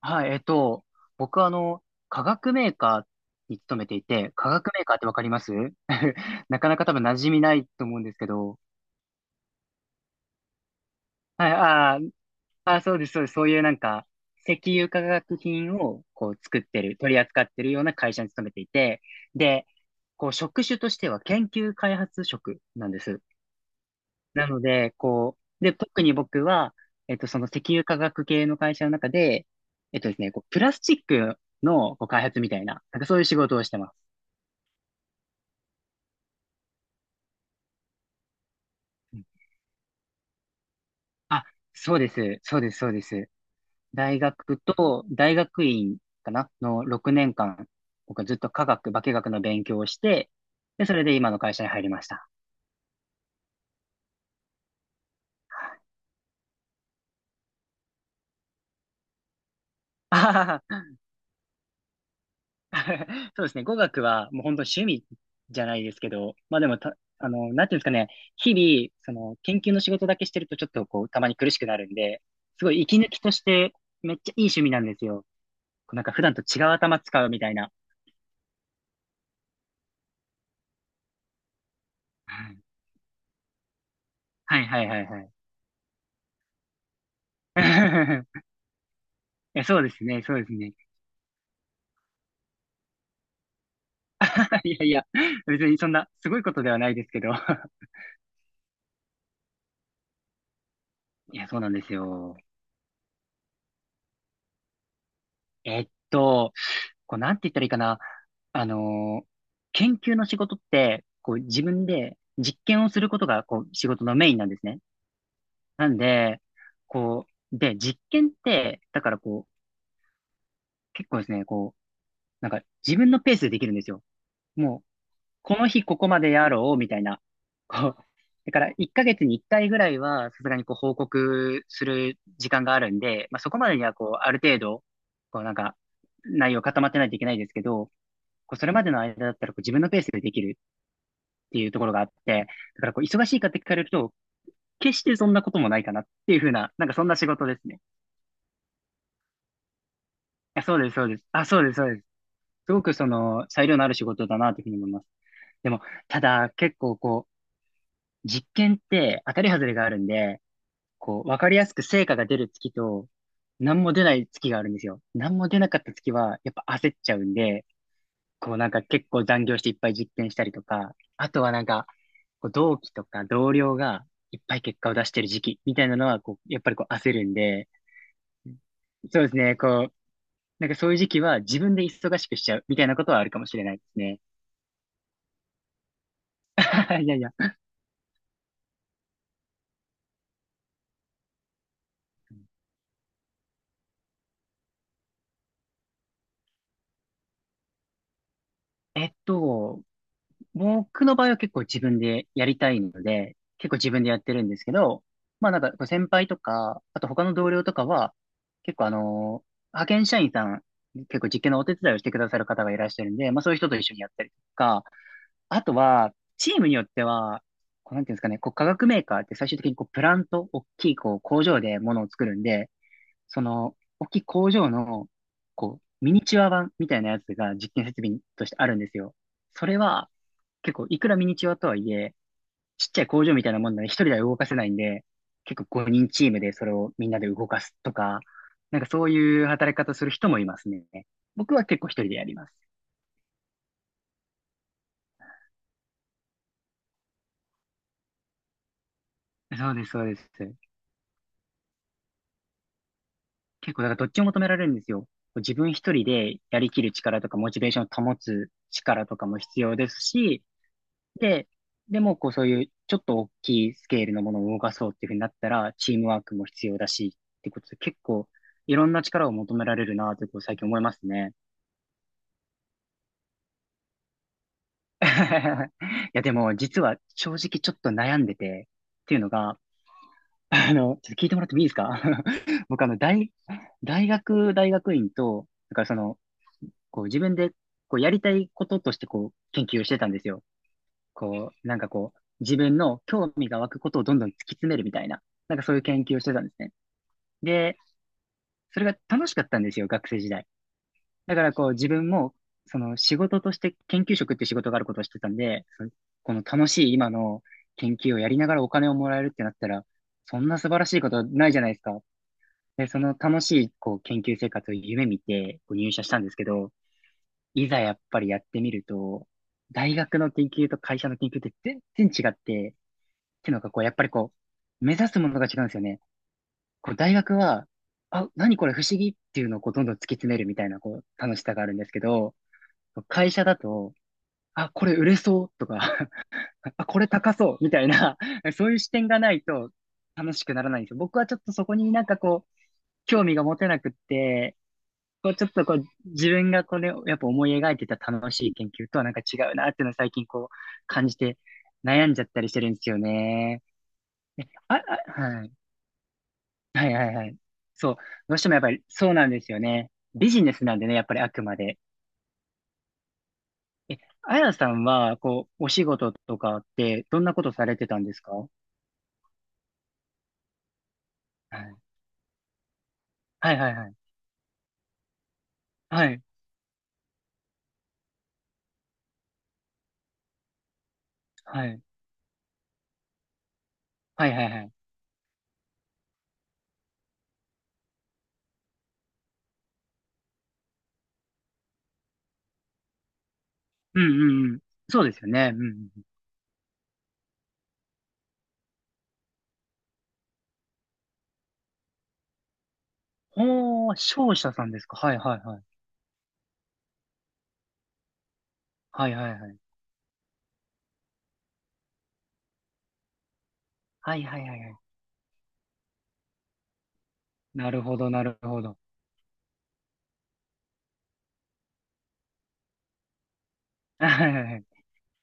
はい、僕は化学メーカーに勤めていて、化学メーカーってわかります？ なかなか多分馴染みないと思うんですけど、はい、あーあー、そうです、そうです。そういうなんか、石油化学品をこう作ってる、取り扱ってるような会社に勤めていて、で、こう職種としては研究開発職なんです。なので、こう、で、特に僕は、その石油化学系の会社の中で、えっとですね、こう、プラスチックのこう開発みたいな、なんかそういう仕事をしてます。うんあ、そうです。そうです、そうです。大学と、大学院かなの6年間、僕はずっと化学の勉強をして、で、それで今の会社に入りました。あはは そうですね。語学はもう本当趣味じゃないですけど、まあでもなんていうんですかね、日々、その研究の仕事だけしてるとちょっとこう、たまに苦しくなるんで、すごい息抜きとしてめっちゃいい趣味なんですよ。こうなんか普段と違う頭使うみたいな。うんはいはいはいはい。え、そうですね、そうですね。いやいや、別にそんなすごいことではないですけど。いや、そうなんですよ。えっと、こう、なんて言ったらいいかな。あのー研究の仕事って、こう、自分で実験をすることが、こう、仕事のメインなんですね。なんで、こう、で、実験って、だからこう、結構ですね、こう、なんか自分のペースでできるんですよ。もう、この日ここまでやろう、みたいな。こう、だから1ヶ月に1回ぐらいは、さすがにこう、報告する時間があるんで、まあ、そこまでには、こう、ある程度、こう、なんか、内容固まってないといけないですけど、こうそれまでの間だったらこう自分のペースでできるっていうところがあって、だからこう忙しいかって聞かれると、決してそんなこともないかなっていうふうな、なんかそんな仕事ですね。あ、そうです、そうです。あ、そうです、そうです。すごくその裁量のある仕事だなというふうに思います。でも、ただ結構こう、実験って当たり外れがあるんで、こう、わかりやすく成果が出る月と、何も出ない月があるんですよ。何も出なかった月は、やっぱ焦っちゃうんで、こうなんか結構残業していっぱい実験したりとか、あとはなんか、こう同期とか同僚がいっぱい結果を出してる時期みたいなのは、こう、やっぱりこう焦るんで、そうですね、こう、なんかそういう時期は自分で忙しくしちゃうみたいなことはあるかもしれないですね。いやいや。えっと、僕の場合は結構自分でやりたいので、結構自分でやってるんですけど、まあなんかこう先輩とか、あと他の同僚とかは、結構あの派遣社員さん、結構実験のお手伝いをしてくださる方がいらっしゃるんで、まあそういう人と一緒にやったりとか、あとは、チームによっては、こうなんていうんですかね、こう化学メーカーって最終的にこうプラント、大きいこう工場で物を作るんで、その、大きい工場の、こう、ミニチュア版みたいなやつが実験設備としてあるんですよ。それは、結構、いくらミニチュアとはいえ、ちっちゃい工場みたいなもんなので、一人では動かせないんで、結構5人チームでそれをみんなで動かすとか、なんかそういう働き方する人もいますね。僕は結構一人でやります。そうです、そうです。結構、だからどっちも求められるんですよ。自分一人でやりきる力とか、モチベーションを保つ力とかも必要ですし、で、でも、こう、そういう、ちょっと大きいスケールのものを動かそうっていうふうになったら、チームワークも必要だし、ってことで、結構、いろんな力を求められるなと、こう、最近思いますね。いや、でも、実は、正直ちょっと悩んでて、っていうのが、ちょっと聞いてもらってもいいですか？ 僕、大学、大学院と、だからその、こう、自分で、こう、やりたいこととして、こう、研究をしてたんですよ。こう、なんかこう、自分の興味が湧くことをどんどん突き詰めるみたいな、なんかそういう研究をしてたんですね。で、それが楽しかったんですよ、学生時代。だからこう、自分も、その仕事として研究職っていう仕事があることをしてたんで、そのこの楽しい今の研究をやりながらお金をもらえるってなったら、そんな素晴らしいことはないじゃないですか。で、その楽しいこう研究生活を夢見てこう入社したんですけど、いざやっぱりやってみると、大学の研究と会社の研究って全然違って、ていうのが、こう、やっぱりこう、目指すものが違うんですよね。こう、大学は、あ、何これ不思議っていうのをこう、どんどん突き詰めるみたいな、こう、楽しさがあるんですけど、会社だと、あ、これ売れそうとか あ、これ高そうみたいな、そういう視点がないと楽しくならないんですよ。僕はちょっとそこになんかこう、興味が持てなくって、こう、ちょっとこう、自分がこれ、やっぱ思い描いてた楽しい研究とはなんか違うなっていうのを最近こう、感じて悩んじゃったりしてるんですよね。えあ、あ、はい。はいはいはい。そう。どうしてもやっぱりそうなんですよね。ビジネスなんでね、やっぱりあくまで。え、あやさんは、こう、お仕事とかって、どんなことされてたんですか？はい。はいはいはい。はい。はい。はいはいはい。うんうんうん。そうですよね。うんうんうん。ほー、商社さんですか？はいはいはい。はいはいはい。はいはいはいはいはいはいはいはいうんうんうんそうですよねうんうんうほー商社さんですか？はいはいはいはいはいはいはいはいはいはいなるほどなるほど。はいはいはい。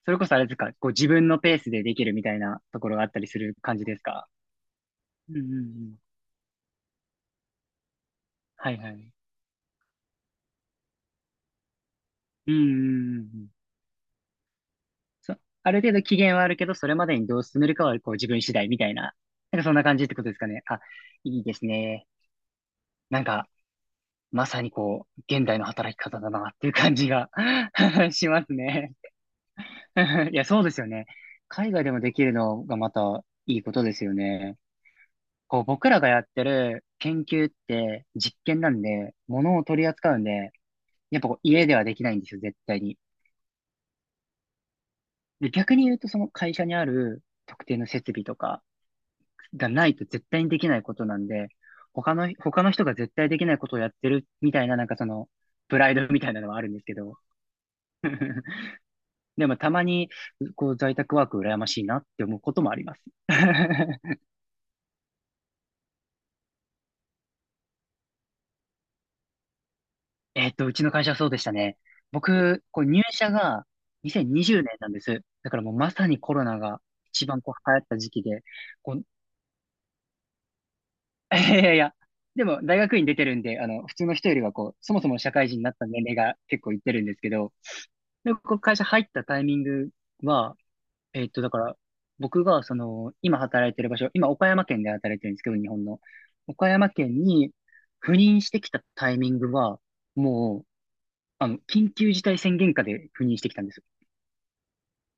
それこそあれですか、こう自分のペースでできるみたいなところがあったりする感じですか？うんうんうん。はいはい。うんうんうんうん。そある程度期限はあるけど、それまでにどう進めるかはこう自分次第みたいな、なんかそんな感じってことですかね。あ、いいですね。なんか、まさにこう、現代の働き方だなっていう感じが しますね。いや、そうですよね。海外でもできるのがまたいいことですよね。こう、僕らがやってる研究って実験なんで、物を取り扱うんで、やっぱこう家ではできないんですよ、絶対に。で、逆に言うとその会社にある特定の設備とか、がないと絶対にできないことなんで、他の人が絶対できないことをやってるみたいな、なんかその、プライドみたいなのはあるんですけど、でもたまに、こう、在宅ワーク羨ましいなって思うこともあります。うちの会社はそうでしたね。僕、こう、入社が2020年なんです。だからもうまさにコロナが一番こう流行った時期で、こう、いやいやいや、でも大学院出てるんで、あの、普通の人よりはこう、そもそも社会人になった年齢が結構いってるんですけど、で、僕会社入ったタイミングは、えっと、だから、僕が、その、今働いてる場所、今岡山県で働いてるんですけど、日本の。岡山県に赴任してきたタイミングは、もう、あの、緊急事態宣言下で赴任してきたんですよ。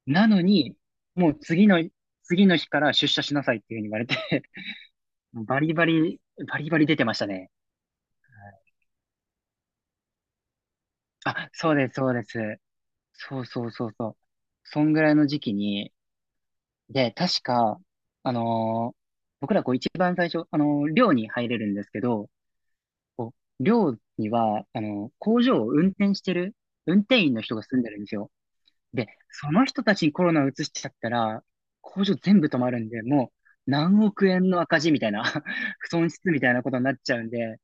なのに、もう次の日から出社しなさいっていうふうに言われて バリバリ、バリバリ出てましたね。あ、そうです、そうです。そうそうそうそう。そんぐらいの時期に、で、確か、あのー僕らこう一番最初、寮に入れるんですけど、こう寮には、工場を運転してる、運転員の人が住んでるんですよ。で、その人たちにコロナを移しちゃったら、工場全部止まるんで、もう何億円の赤字みたいな、損失みたいなことになっちゃうんで、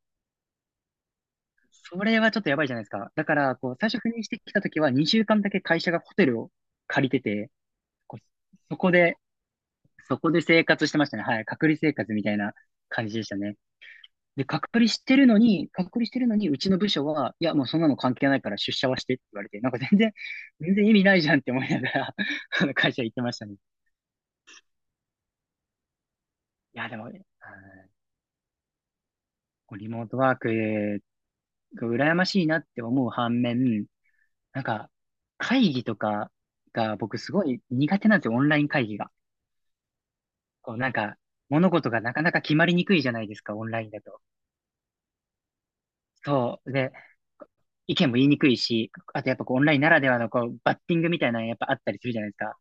それはちょっとやばいじゃないですか。だから、こう、最初赴任してきた時は、2週間だけ会社がホテルを借りてて、こうそこでそこで生活してましたね。はい。隔離生活みたいな感じでしたね。で、隔離してるのに、隔離してるのに、うちの部署は、いや、もうそんなの関係ないから出社はしてって言われて、なんか全然、全然意味ないじゃんって思いながら あの会社行ってましたね。いや、でも、うんこうリモートワークが羨ましいなって思う反面、なんか、会議とかが僕すごい苦手なんですよ、オンライン会議が。こう、なんか、物事がなかなか決まりにくいじゃないですか、オンラインだと。そう。で、意見も言いにくいし、あとやっぱこうオンラインならではのこうバッティングみたいなのやっぱあったりするじゃないですか。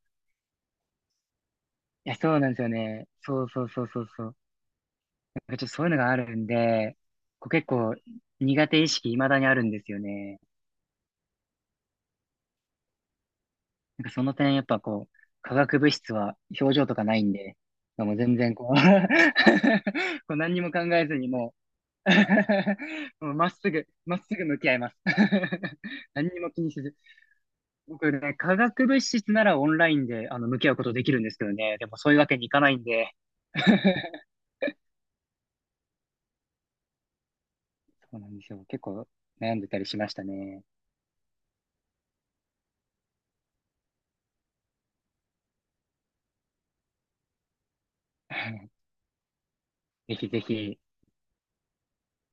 いや、そうなんですよね。そうそうそうそうそう。なんかちょっとそういうのがあるんで、こう結構苦手意識未だにあるんですよね。なんかその点やっぱこう、化学物質は表情とかないんで、もう全然こう こう何にも考えずにもう もうまっすぐ、まっすぐ向き合います 何にも気にせず。僕ね、化学物質ならオンラインで、あの、向き合うことできるんですけどね。でもそういうわけにいかないんで。そうなんですよ。結構悩んでたりしましたね。ぜひぜひ。